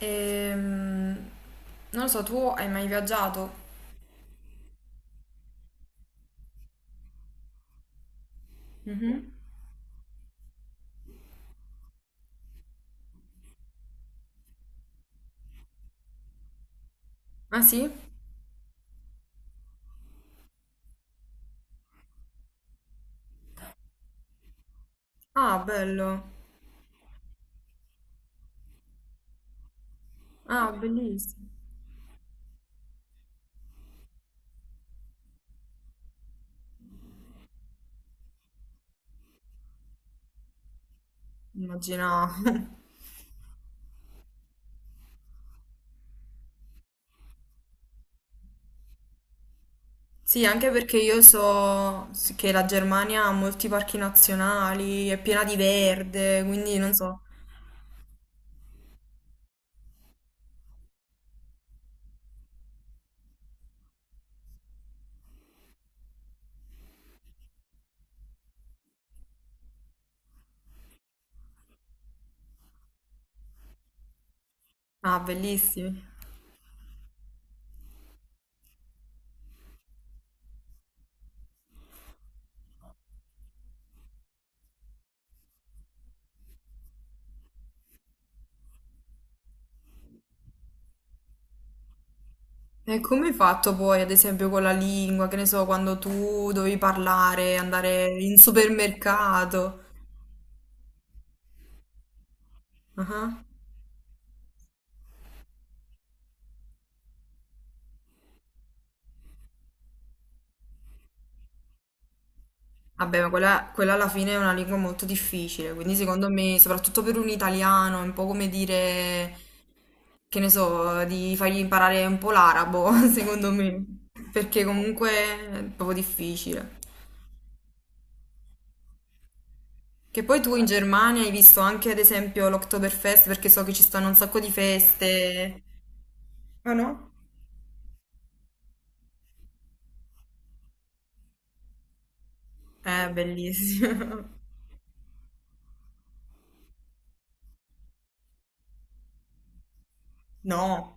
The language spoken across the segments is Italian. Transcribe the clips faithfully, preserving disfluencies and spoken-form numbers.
Ehm, Non lo so, tu hai mai viaggiato? Mhm. Ah sì? Ah, bello. Ah, bellissimo. Immaginavo. Sì, anche perché io so che la Germania ha molti parchi nazionali, è piena di verde, quindi non so. Ah, bellissimi. E come hai fatto poi, ad esempio, con la lingua, che ne so, quando tu dovevi parlare, andare in supermercato? Ah. Vabbè, ma quella, quella alla fine è una lingua molto difficile, quindi secondo me, soprattutto per un italiano, è un po' come dire, che ne so, di fargli imparare un po' l'arabo, secondo me, perché comunque è proprio difficile. Che poi tu in Germania hai visto anche, ad esempio, l'Oktoberfest, perché so che ci stanno un sacco di feste. Ah no? Eh, bellissimo. No.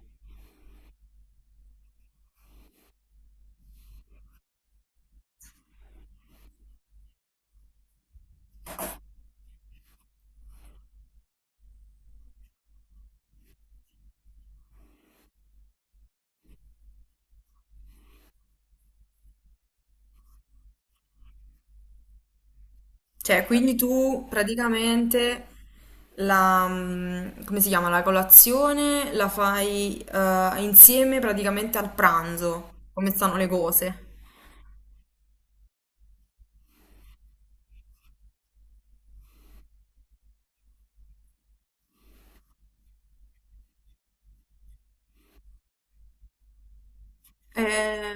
Cioè, quindi tu praticamente la, mm, come si chiama, la colazione la fai eh, insieme praticamente al pranzo, come stanno le cose. Eh,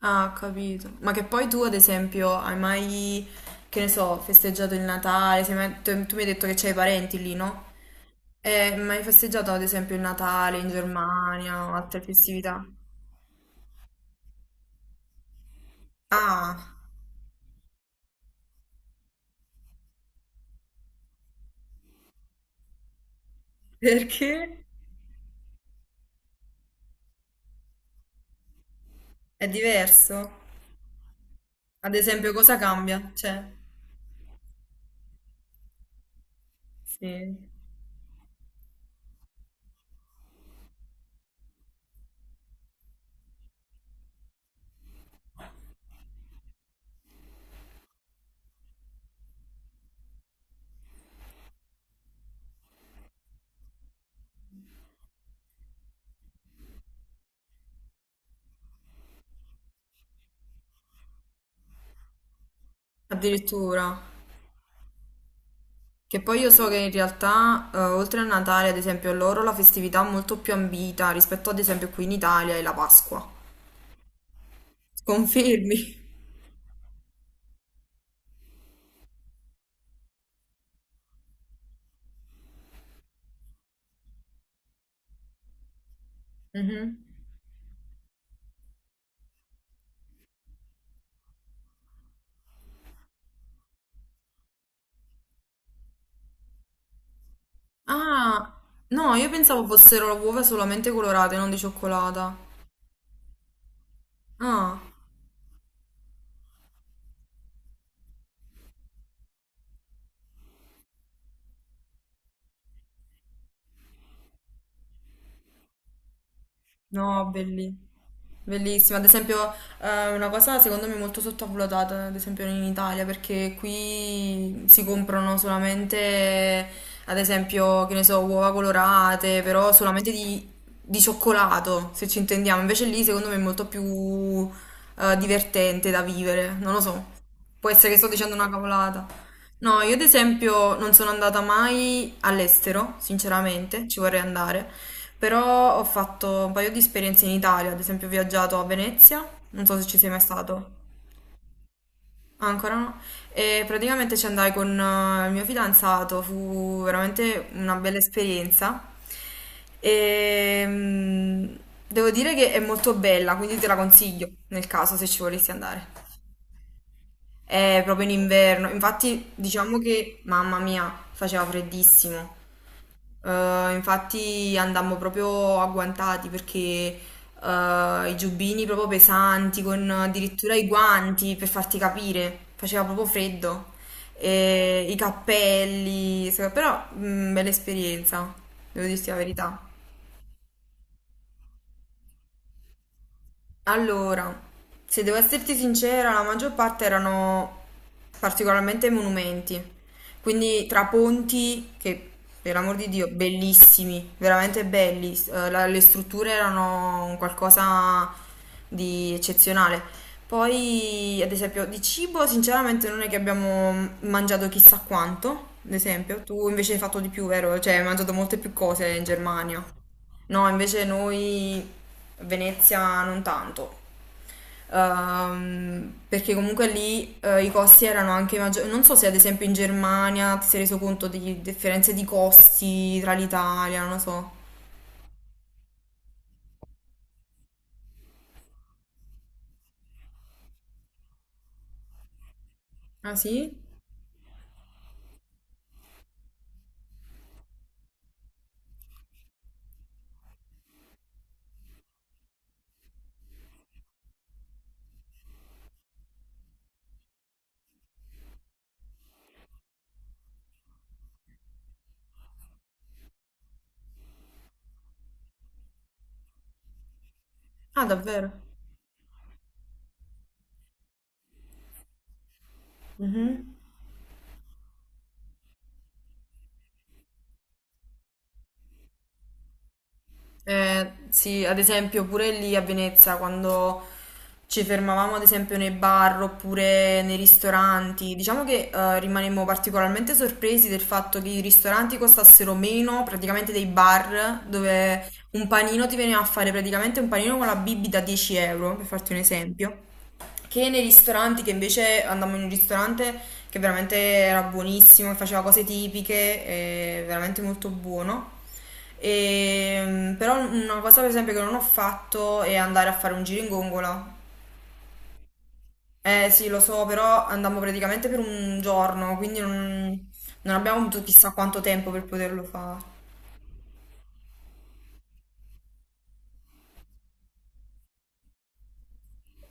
ah, ho capito. Ma che poi tu, ad esempio, hai mai, che ne so, festeggiato il Natale? Sei mai- tu, tu mi hai detto che c'hai parenti lì, no? Eh, ma hai festeggiato, ad esempio, il Natale in Germania o altre festività? Ah, perché? È diverso? Ad esempio, cosa cambia? Cioè, sì. Addirittura. Che poi io so che in realtà, eh, oltre a Natale, ad esempio, loro la festività è molto più ambita rispetto ad esempio qui in Italia è la Pasqua. Confermi? Mhm. Ah, no, io pensavo fossero uova solamente colorate, non di cioccolata. Ah. No, belli. Bellissima. Ad esempio, eh, una cosa secondo me molto sottovalutata, ad esempio in Italia, perché qui si comprano solamente, ad esempio, che ne so, uova colorate, però solamente di, di cioccolato, se ci intendiamo. Invece lì secondo me è molto più eh, divertente da vivere, non lo so. Può essere che sto dicendo una cavolata. No, io ad esempio non sono andata mai all'estero, sinceramente, ci vorrei andare, però ho fatto un paio di esperienze in Italia, ad esempio ho viaggiato a Venezia, non so se ci sei mai stato. Ah, ancora no, e praticamente ci andai con eh, il mio fidanzato, fu veramente una bella esperienza e mm, devo dire che è molto bella, quindi te la consiglio nel caso se ci volessi andare. È proprio in inverno, infatti diciamo che, mamma mia, faceva freddissimo. Eh, infatti andammo proprio agguantati perché eh, i giubbini proprio pesanti, con addirittura i guanti per farti capire, faceva proprio freddo. E i cappelli, se- però mh, bella esperienza, devo dirti la verità. Allora, se devo esserti sincera, la maggior parte erano particolarmente monumenti, quindi tra ponti, che per l'amor di Dio, bellissimi, veramente belli, s- eh, la- le strutture erano un qualcosa di eccezionale. Poi, ad esempio, di cibo, sinceramente non è che abbiamo mangiato chissà quanto, ad esempio, tu invece hai fatto di più, vero? Cioè, hai mangiato molte più cose in Germania. No, invece noi Venezia non tanto. Ehm, perché comunque lì eh, i costi erano anche maggiori. Non so se ad esempio in Germania ti sei reso conto di differenze di costi tra l'Italia, non lo so. Ah sì? Ah, davvero? Mhm. Eh, sì, ad esempio pure lì a Venezia quando ci fermavamo ad esempio nei bar oppure nei ristoranti, diciamo che eh, rimanemmo particolarmente sorpresi del fatto che i ristoranti costassero meno praticamente dei bar dove un panino ti veniva a fare praticamente un panino con la bibita a dieci euro, per farti un esempio. Che nei ristoranti, che invece andammo in un ristorante che veramente era buonissimo, che faceva cose tipiche, eh, veramente molto buono. E, mm, però una cosa per esempio che non ho fatto è andare a fare un giro in gongola. Eh sì, lo so, però andammo praticamente per un giorno, quindi non, non abbiamo avuto chissà quanto tempo per poterlo fare.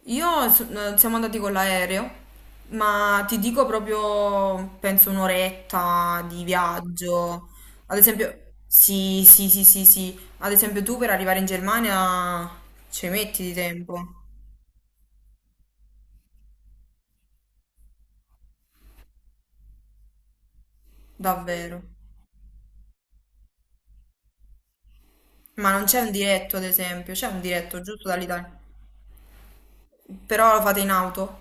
Io so- eh, siamo andati con l'aereo, ma ti dico proprio, penso un'oretta di viaggio. Ad esempio, sì, sì, sì, sì, sì. Ad esempio tu per arrivare in Germania ci metti di tempo, davvero. Ma non c'è un diretto, ad esempio, c'è un diretto giusto dall'Italia. Però lo fate in auto.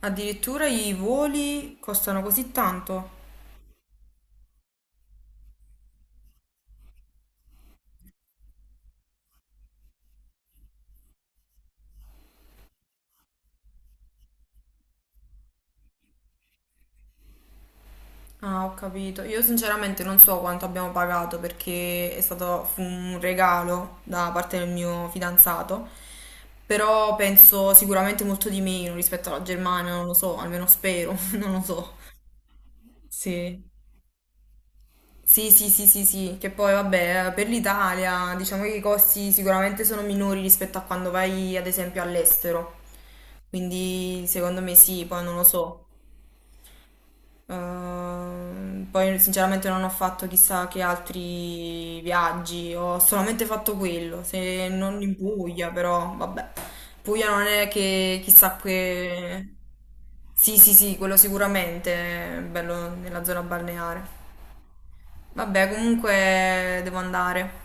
Addirittura i voli costano così tanto. Ah, ho capito. Io sinceramente non so quanto abbiamo pagato perché è stato fu un regalo da parte del mio fidanzato, però penso sicuramente molto di meno rispetto alla Germania, non lo so, almeno spero, non lo so. Sì. Sì, sì, sì, sì, sì, che poi vabbè, per l'Italia diciamo che i costi sicuramente sono minori rispetto a quando vai ad esempio all'estero, quindi secondo me sì, poi non lo so. Ehm, poi sinceramente non ho fatto chissà che altri viaggi, ho solamente fatto quello, se non in Puglia, però vabbè. Puglia non è che chissà che... Sì, sì, sì, quello sicuramente, bello nella zona balneare. Vabbè, comunque devo andare.